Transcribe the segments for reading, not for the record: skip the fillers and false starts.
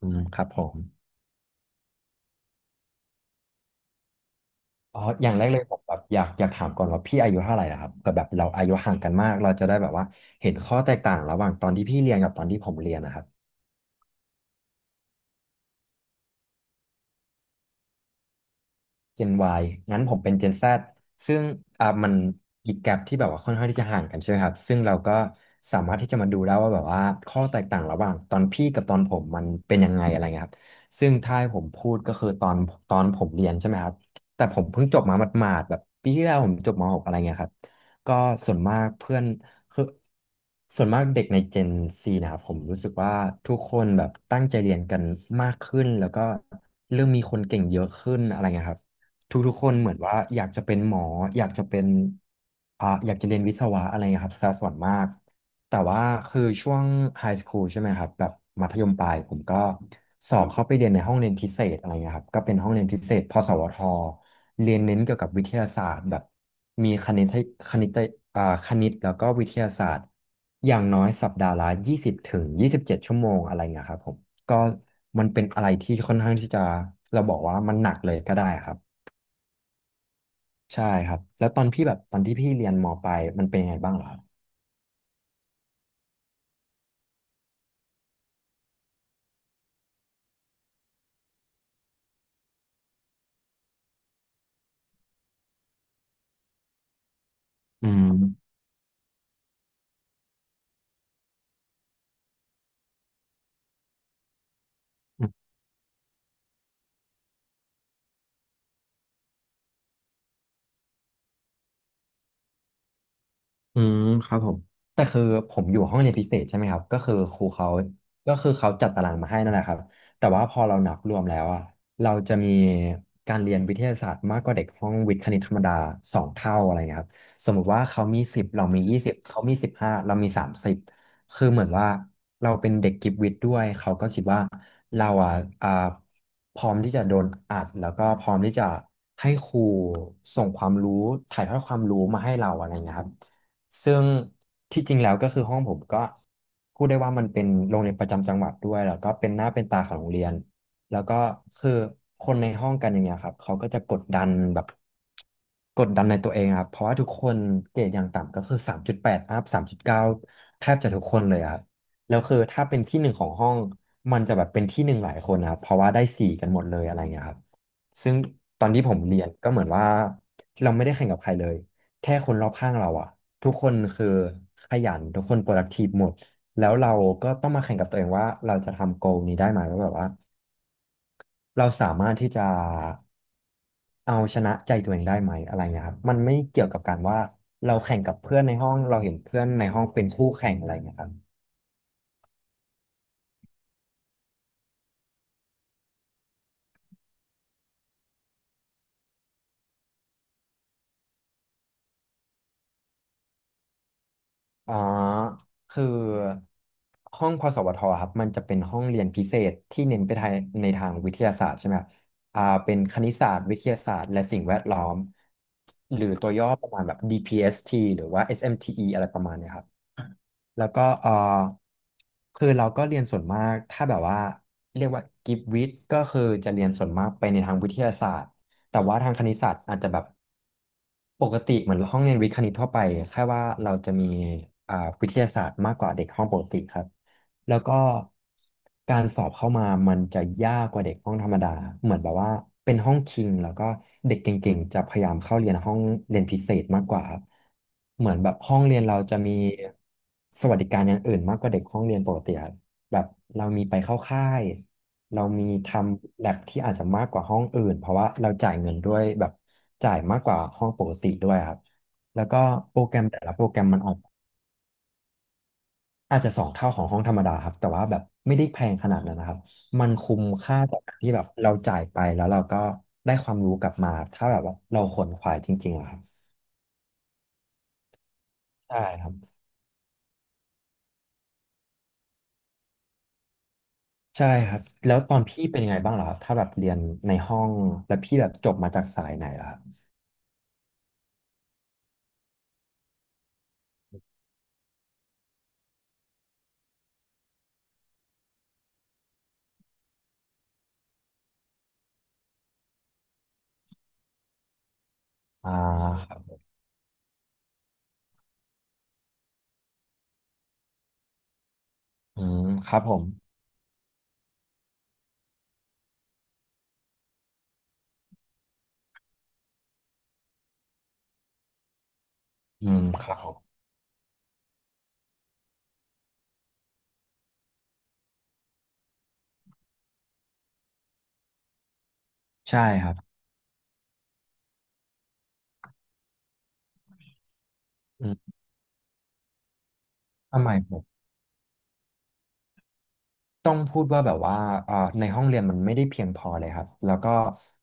อืมครับผมอ๋ออย่างแรกเลยผมแบบอยากถามก่อนว่าพี่อายุเท่าไหร่นะครับเผื่อแบบเราอายุห่างกันมากเราจะได้แบบว่าเห็นข้อแตกต่างระหว่างตอนที่พี่เรียนกับตอนที่ผมเรียนนะครับ Gen Y งั้นผมเป็น Gen Z ซึ่งมันอีกแกปที่แบบว่าค่อนข้างที่จะห่างกันใช่ไหมครับซึ่งเราก็สามารถที่จะมาดูได้ว่าแบบว่าข้อแตกต่างระหว่างตอนพี่กับตอนผมมันเป็นยังไงอะไรเงี้ยครับซึ่งถ้าให้ผมพูดก็คือตอนผมเรียนใช่ไหมครับแต่ผมเพิ่งจบมาหมาดๆแบบปีที่แล้วผมจบมหกอะไรเงี้ยครับก็ส่วนมากเพื่อนคือส่วนมากเด็กใน Gen C นะครับผมรู้สึกว่าทุกคนแบบตั้งใจเรียนกันมากขึ้นแล้วก็เริ่มมีคนเก่งเยอะขึ้นอะไรเงี้ยครับ ทุกๆคนเหมือนว่าอยากจะเป็นหมออยากจะเป็นอยากจะเรียนวิศวะอะไรเงี้ยครับซะส่วนมากแต่ว่าคือช่วงไฮสคูลใช่ไหมครับแบบมัธยมปลายผมก็สอบเข้าไปเรียนในห้องเรียนพิเศษอะไรเงี้ยครับก็เป็นห้องเรียนพิเศษพสวทเรียนเน้นเกี่ยวกับวิทยาศาสตร์แบบมีคณิตให้คณิตคณิตแล้วก็วิทยาศาสตร์อย่างน้อยสัปดาห์ละ20 ถึง 27ชั่วโมงอะไรเงี้ยครับผมก็มันเป็นอะไรที่ค่อนข้างที่จะเราบอกว่ามันหนักเลยก็ได้ครับ ใช่ครับแล้วตอนพี่แบบตอนที่พี่เรียนมปลายมันเป็นยังไงบ้างเหรอครับอืมอื อืมครับผมแต่คือผมอยู่ห้องเรียนพิเศษใช่ไหมครับก็คือครูเขาก็คือเขาจัดตารางมาให้นั่นแหละครับแต่ว่าพอเรานับรวมแล้วอะเราจะมีการเรียนวิทยาศาสตร์มากกว่าเด็กห้องวิทย์คณิตธรรมดาสองเท่าอะไรเงี้ยครับสมมุติว่าเขามีสิบเรามียี่สิบเขามีสิบห้าเรามีสามสิบคือเหมือนว่าเราเป็นเด็กกิฟต์วิทย์ด้วยเขาก็คิดว่าเราอะอ่าพร้อมที่จะโดนอัดแล้วก็พร้อมที่จะให้ครูส่งความรู้ถ่ายทอดความรู้มาให้เราอะไรเงี้ยครับ ซึ่งที่จริงแล้วก็คือห้องผมก็พูดได้ว่ามันเป็นโรงเรียนประจำจังหวัดด้วยแล้วก็เป็นหน้าเป็นตาของโรงเรียนแล้วก็คือคนในห้องกันอย่างเงี้ยครับเขาก็จะกดดันแบบกดดันในตัวเองอะครับเพราะว่าทุกคนเกรดอย่างต่ำก็คือ3.8อัพ3.9แทบจะทุกคนเลยอะครับแล้วคือถ้าเป็นที่หนึ่งของห้องมันจะแบบเป็นที่หนึ่งหลายคนนะครับเพราะว่าได้สี่กันหมดเลยอะไรเงี้ยครับซึ่งตอนที่ผมเรียนก็เหมือนว่าเราไม่ได้แข่งกับใครเลย แค่คนรอบข้างเราอะทุกคนคือขยันทุกคน productive หมดแล้วเราก็ต้องมาแข่งกับตัวเองว่าเราจะทำ goal นี้ได้ไหมว่าแบบว่าเราสามารถที่จะเอาชนะใจตัวเองได้ไหมอะไรเงี้ยครับมันไม่เกี่ยวกับการว่าเราแข่งกับเพื่อนในห้องเราเห็นเพื่อนในห้องเป็นคู่แข่งอะไรเงี้ยครับ อ๋อคือห้องพสวทครับมันจะเป็นห้องเรียนพิเศษที่เน้นไปทางในทางวิทยาศาสตร์ใช่ไหมครับเป็นคณิตศาสตร์วิทยาศาสตร์และสิ่งแวดล้อมหรือตัวย่อประมาณแบบ DPST หรือว่า SMTE อสเอ็มทีอีอะไรประมาณเนี้ยครับ แล้วก็เออคือเราก็เรียนส่วนมากถ้าแบบว่าเรียกว่ากิฟวิทย์ก็คือจะเรียนส่วนมากไปในทางวิทยาศาสตร์แต่ว่าทางคณิตศาสตร์อาจจะแบบปกติเหมือนห้องเรียนวิทย์คณิตทั่วไปแค่ว่าเราจะมีอ่าวิทยาศาสตร์มากกว่าเด็กห้องปกติครับ แล้วก็การสอบเข้ามามันจะยากกว่าเด็กห้องธรรมดา เหมือนแบบว่าเป็นห้องคิงแล้วก็เด็กเก่งๆจะพยายามเข้าเรียนห้องเรียนพิเศษมากกว่าครับ เหมือนแบบห้องเรียนเราจะมีสวัสดิการอย่างอื่นมากกว่าเด็กห้องเรียนปกติครับแบบเรามีไปเข้าค่าย เรามีทำแลบที่อาจจะมากกว่าห้องอื่นเพราะว่าเราจ่ายเงินด้วยแบบจ่ายมากกว่าห้องปกติด้วยครับแล้วก็โปรแกรมแต่ละโปรแกรมมันออก อาจจะสองเท่าของห้องธรรมดาครับแต่ว่าแบบไม่ได้แพงขนาดนั้นนะครับมันคุ้มค่าต่อการที่แบบเราจ่ายไปแล้วเราก็ได้ความรู้กลับมาถ้าแบบว่าเราขวนขวายจริงๆอะครับใช่ครับใช่ครับแล้วตอนพี่เป็นยังไงบ้างล่ะครับถ้าแบบเรียนในห้องแล้วพี่แบบจบมาจากสายไหนล่ะครับอ่าครับอืมครับผมอืมครับผมใช่ครับอืมสมัยผม ต้องพูดว่าแบบว่าในห้องเรียนมันไม่ได้เพียงพอเลยครับแล้วก็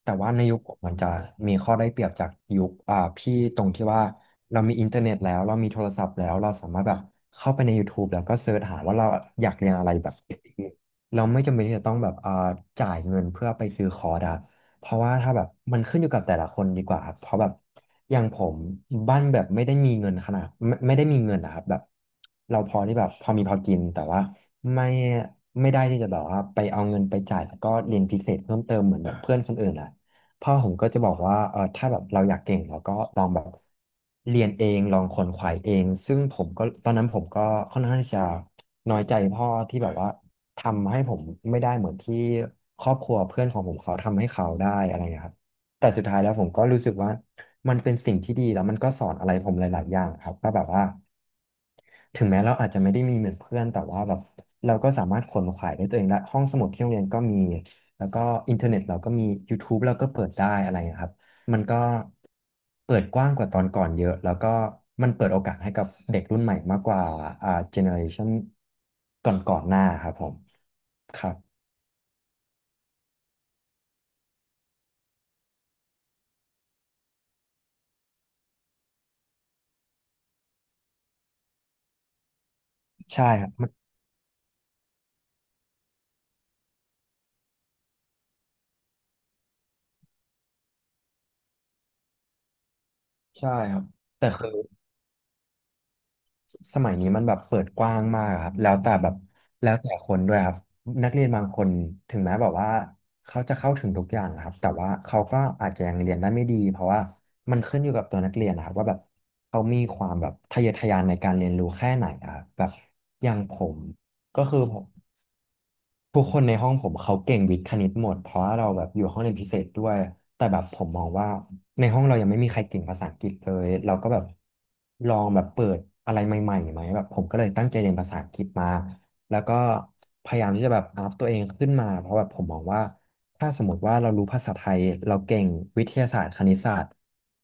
แต่ว่าในยุคผมมันจะมีข้อได้เปรียบจากยุคพี่ตรงที่ว่าเรามีอินเทอร์เน็ตแล้วเรามีโทรศัพท์แล้วเราสามารถแบบเข้าไปใน YouTube แล้วก็เสิร์ชหาว่าเราอยากเรียนอะไรแบบเราไม่จำเป็นที่จะต้องแบบจ่ายเงินเพื่อไปซื้อคอร์สอะเพราะว่าถ้าแบบมันขึ้นอยู่กับแต่ละคนดีกว่าครับเพราะแบบอย่างผมบ้านแบบไม่ได้มีเงินขนาดไม่ได้มีเงินนะครับแบบเราพอที่แบบพอมีพอกินแต่ว่า ไม่ไม่ได้ที่จะแบบว่าไปเอาเงินไปจ่ายแล้วก็เรียนพิเศษเพิ่มเติมเหมือนแบบเพื่อนคนอื่นอ่ะพ่อผมก็จะบอกว่าเออถ้าแบบเราอยากเก่งเราก็ลองแบบเรียนเองลองขวนขวายเองซึ่งผมก็ตอนนั้นผมก็ค่อนข้างที่จะน้อยใจพ่อที่แบบว่าทำให้ผมไม่ได้เหมือนที่ครอบครัวเพื่อนของผมเขาทำให้เขาได้อะไรอย่างเงี้ยครับแต่สุดท้ายแล้วผมก็รู้สึกว่ามันเป็นสิ่งที่ดีแล้วมันก็สอนอะไรผมหลายๆอย่างครับว่าแบบว่า ถึงแม้เราอาจจะไม่ได้มีเหมือนเพื่อนแต่ว่าแบบเราก็สามารถขวนขวายด้วยตัวเองและห้องสมุดที่โรงเรียนก็มีแล้วก็อินเทอร์เน็ตเราก็มี YouTube เราก็เปิดได้อะไรอย่างเงี้ยครับมันก็เปิดกว้างกว่าตอนก่อนเยอะแล้วก็มันเปิดโอกาสให้กับเด็กรุ่นใหม่มากกว่าเจเนอเรชันก่อนหน้าครับผมครับใช่ครับมันใช่ครับแต่คือ สมัยนี้มันแบบเปิดกว้างมากครับแล้วแต่แบบแล้วแต่คนด้วยครับนักเรียนบางคนถึงแม้แบบว่าเขาจะเข้าถึงทุกอย่างนะครับแต่ว่าเขาก็อาจจะยังเรียนได้ไม่ดีเพราะว่ามันขึ้นอยู่กับตัวนักเรียนนะครับว่าแบบเขามีความแบบทะเยอทะยานในการเรียนรู้แค่ไหนอะครับแบบอย่างผมก็คือผม ทุกคนในห้องผมเขาเก่งวิทย์คณิตหมดเพราะว่าเราแบบอยู่ห้องเรียนพิเศษด้วยแต่แบบผมมองว่าในห้องเรายังไม่มีใครเก่งภาษาอังกฤษเลยเราก็แบบลองแบบเปิดอะไรใหม่ๆไหมแบบผมก็เลยตั้งใจเรียนภาษาอังกฤษมาแล้วก็พยายามที่จะแบบอัพตัวเองขึ้นมาเพราะแบบผมมองว่าถ้าสมมติว่าเรารู้ภาษาไทยเราเก่งวิทยาศาสตร์คณิตศาสตร์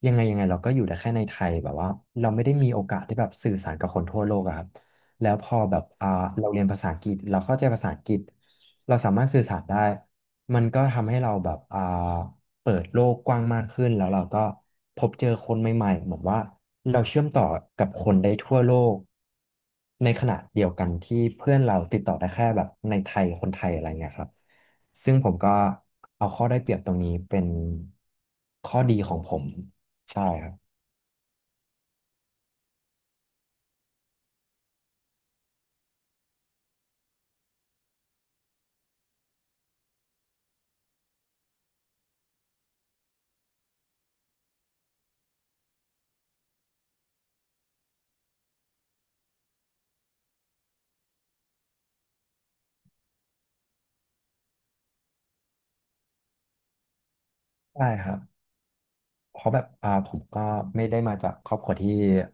ยังไงยังไงเราก็อยู่ได้แค่ในไทยแบบว่าเราไม่ได้มีโอกาสที่แบบสื่อสารกับคนทั่วโลกอะครับ แล้วพอแบบเราเรียนภาษาอังกฤษเราเข้าใจภาษาอังกฤษเราสามารถสื่อสารได้มันก็ทำให้เราแบบเปิดโลกกว้างมากขึ้นแล้วเราก็พบเจอคนใหม่ๆเหมือนว่าเราเชื่อมต่อกับคนได้ทั่วโลกในขณะเดียวกันที่เพื่อนเราติดต่อได้แค่แบบในไทยคนไทยอะไรเงี้ยครับซึ่งผมก็เอาข้อได้เปรียบตรงนี้เป็นข้อดีของผมใช่ครับใช่ครับ เพราะแบบผมก็ไม่ได้มาจากครอบครัวที่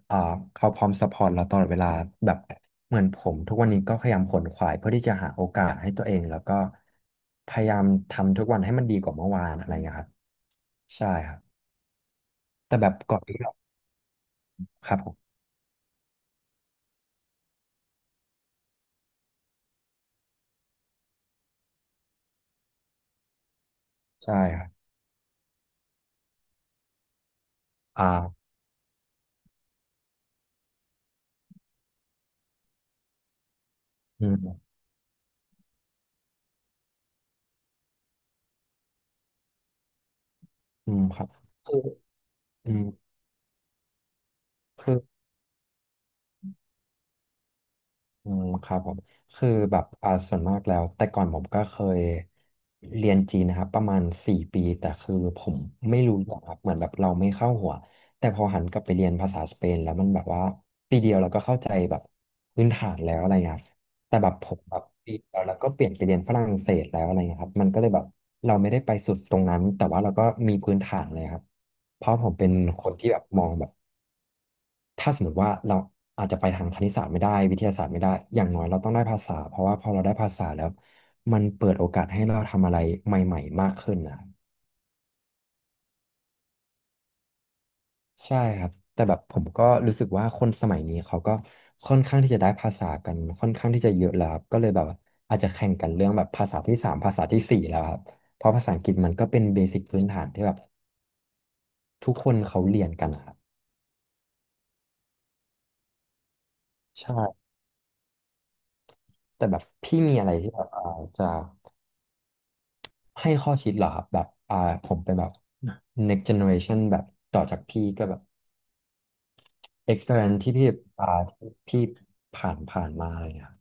อ่าเขาพร้อมซัพพอร์ตเราตลอดเวลาแบบเหมือนผมทุกวันนี้ก็พยายามขวนขวายเพื่อที่จะหาโอกาสให้ตัวเองแล้วก็พยายามทำทุกวันให้มันดีกว่าเมื่อวานอะไรอย่างเงี้ยครับใช่ครับแต่แบบก่อนที่เราครับผมใช่ครับอ่าอืมอืมครับคืออืมคือ อืมครับผมคือแบบส่วนมากแล้วแต่ก่อนผมก็เคยเรียนจีนนะครับประมาณสี่ปีแต่คือผมไม่รู้หรอกครับเหมือนแบบเราไม่เข้าหัวแต่พอหันกลับไปเรียนภาษาสเปนแล้วมันแบบว่าปีเดียวเราก็เข้าใจแบบพื้นฐานแล้วอะไรเงี้ยครับแต่แบบผมแบบปีเดียวแล้วก็เปลี่ยนไปเรียนฝรั่งเศสแล้วอะไรเงี้ยครับมันก็เลยแบบเราไม่ได้ไปสุดตรงนั้นแต่ว่าเราก็มีพื้นฐานเลยครับเพราะผมเป็นคนที่แบบมองแบบ ถ้าสมมติว่าเราอาจจะไปทางคณิตศาสตร์ไม่ได้วิทยาศาสตร์ไม่ได้อย่างน้อยเราต้องได้ภาษา เพราะว่าพอเราได้ภาษาแล้วมันเปิดโอกาสให้เราทำอะไรใหม่ๆมากขึ้นนะใช่ครับแต่แบบผมก็รู้สึกว่าคนสมัยนี้เขาก็ค่อนข้างที่จะได้ภาษากันค่อนข้างที่จะเยอะแล้วครับก็เลยแบบว่าอาจจะแข่งกันเรื่องแบบภาษาที่สามภาษาที่สี่แล้วครับเพราะภาษาอังกฤษมันก็เป็นเบสิกพื้นฐานที่แบบทุกคนเขาเรียนกันนะครับใช่แต่แบบพี่มีอะไรที่แบบจะ ให้ข้อคิดเหรอครับแบบผมเป็นแบบ next generation แบบต่อจากพี่ก็แบบ experience ที่พี่อ่าที่พี่ผ่านมาอะไรเงี้ยครับ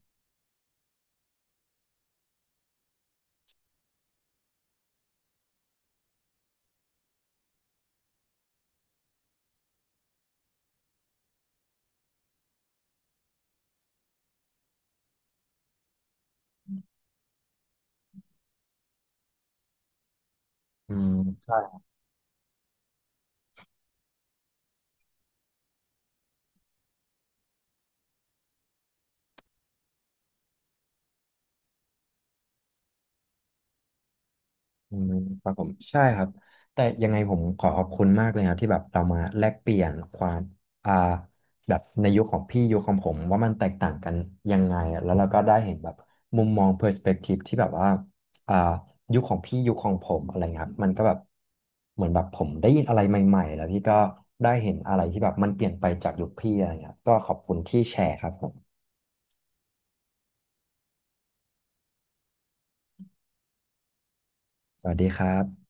อืม อืมครับผมใช่ครับแต่ยังไงผมขอขอบคุณมากเลยครับที่แบบเรามาแลกเปลี่ยนความอ่าแบบในยุคของพี่ยุคของผมว่ามันแตกต่างกันยังไงอะแล้วเราก็ได้เห็นแบบมุมมองเพอร์สเปกทีฟที่แบบว่าอ่ายุคของพี่ยุคของผมอะไรเงี้ยครับมันก็แบบเหมือนแบบผมได้ยินอะไรใหม่ๆแล้วพี่ก็ได้เห็นอะไรที่แบบมันเปลี่ยนไปจากยุคพี่อะไรเงี้ยครับก็ขอบคุณที่แชร์ครับผมสวัสดีครับ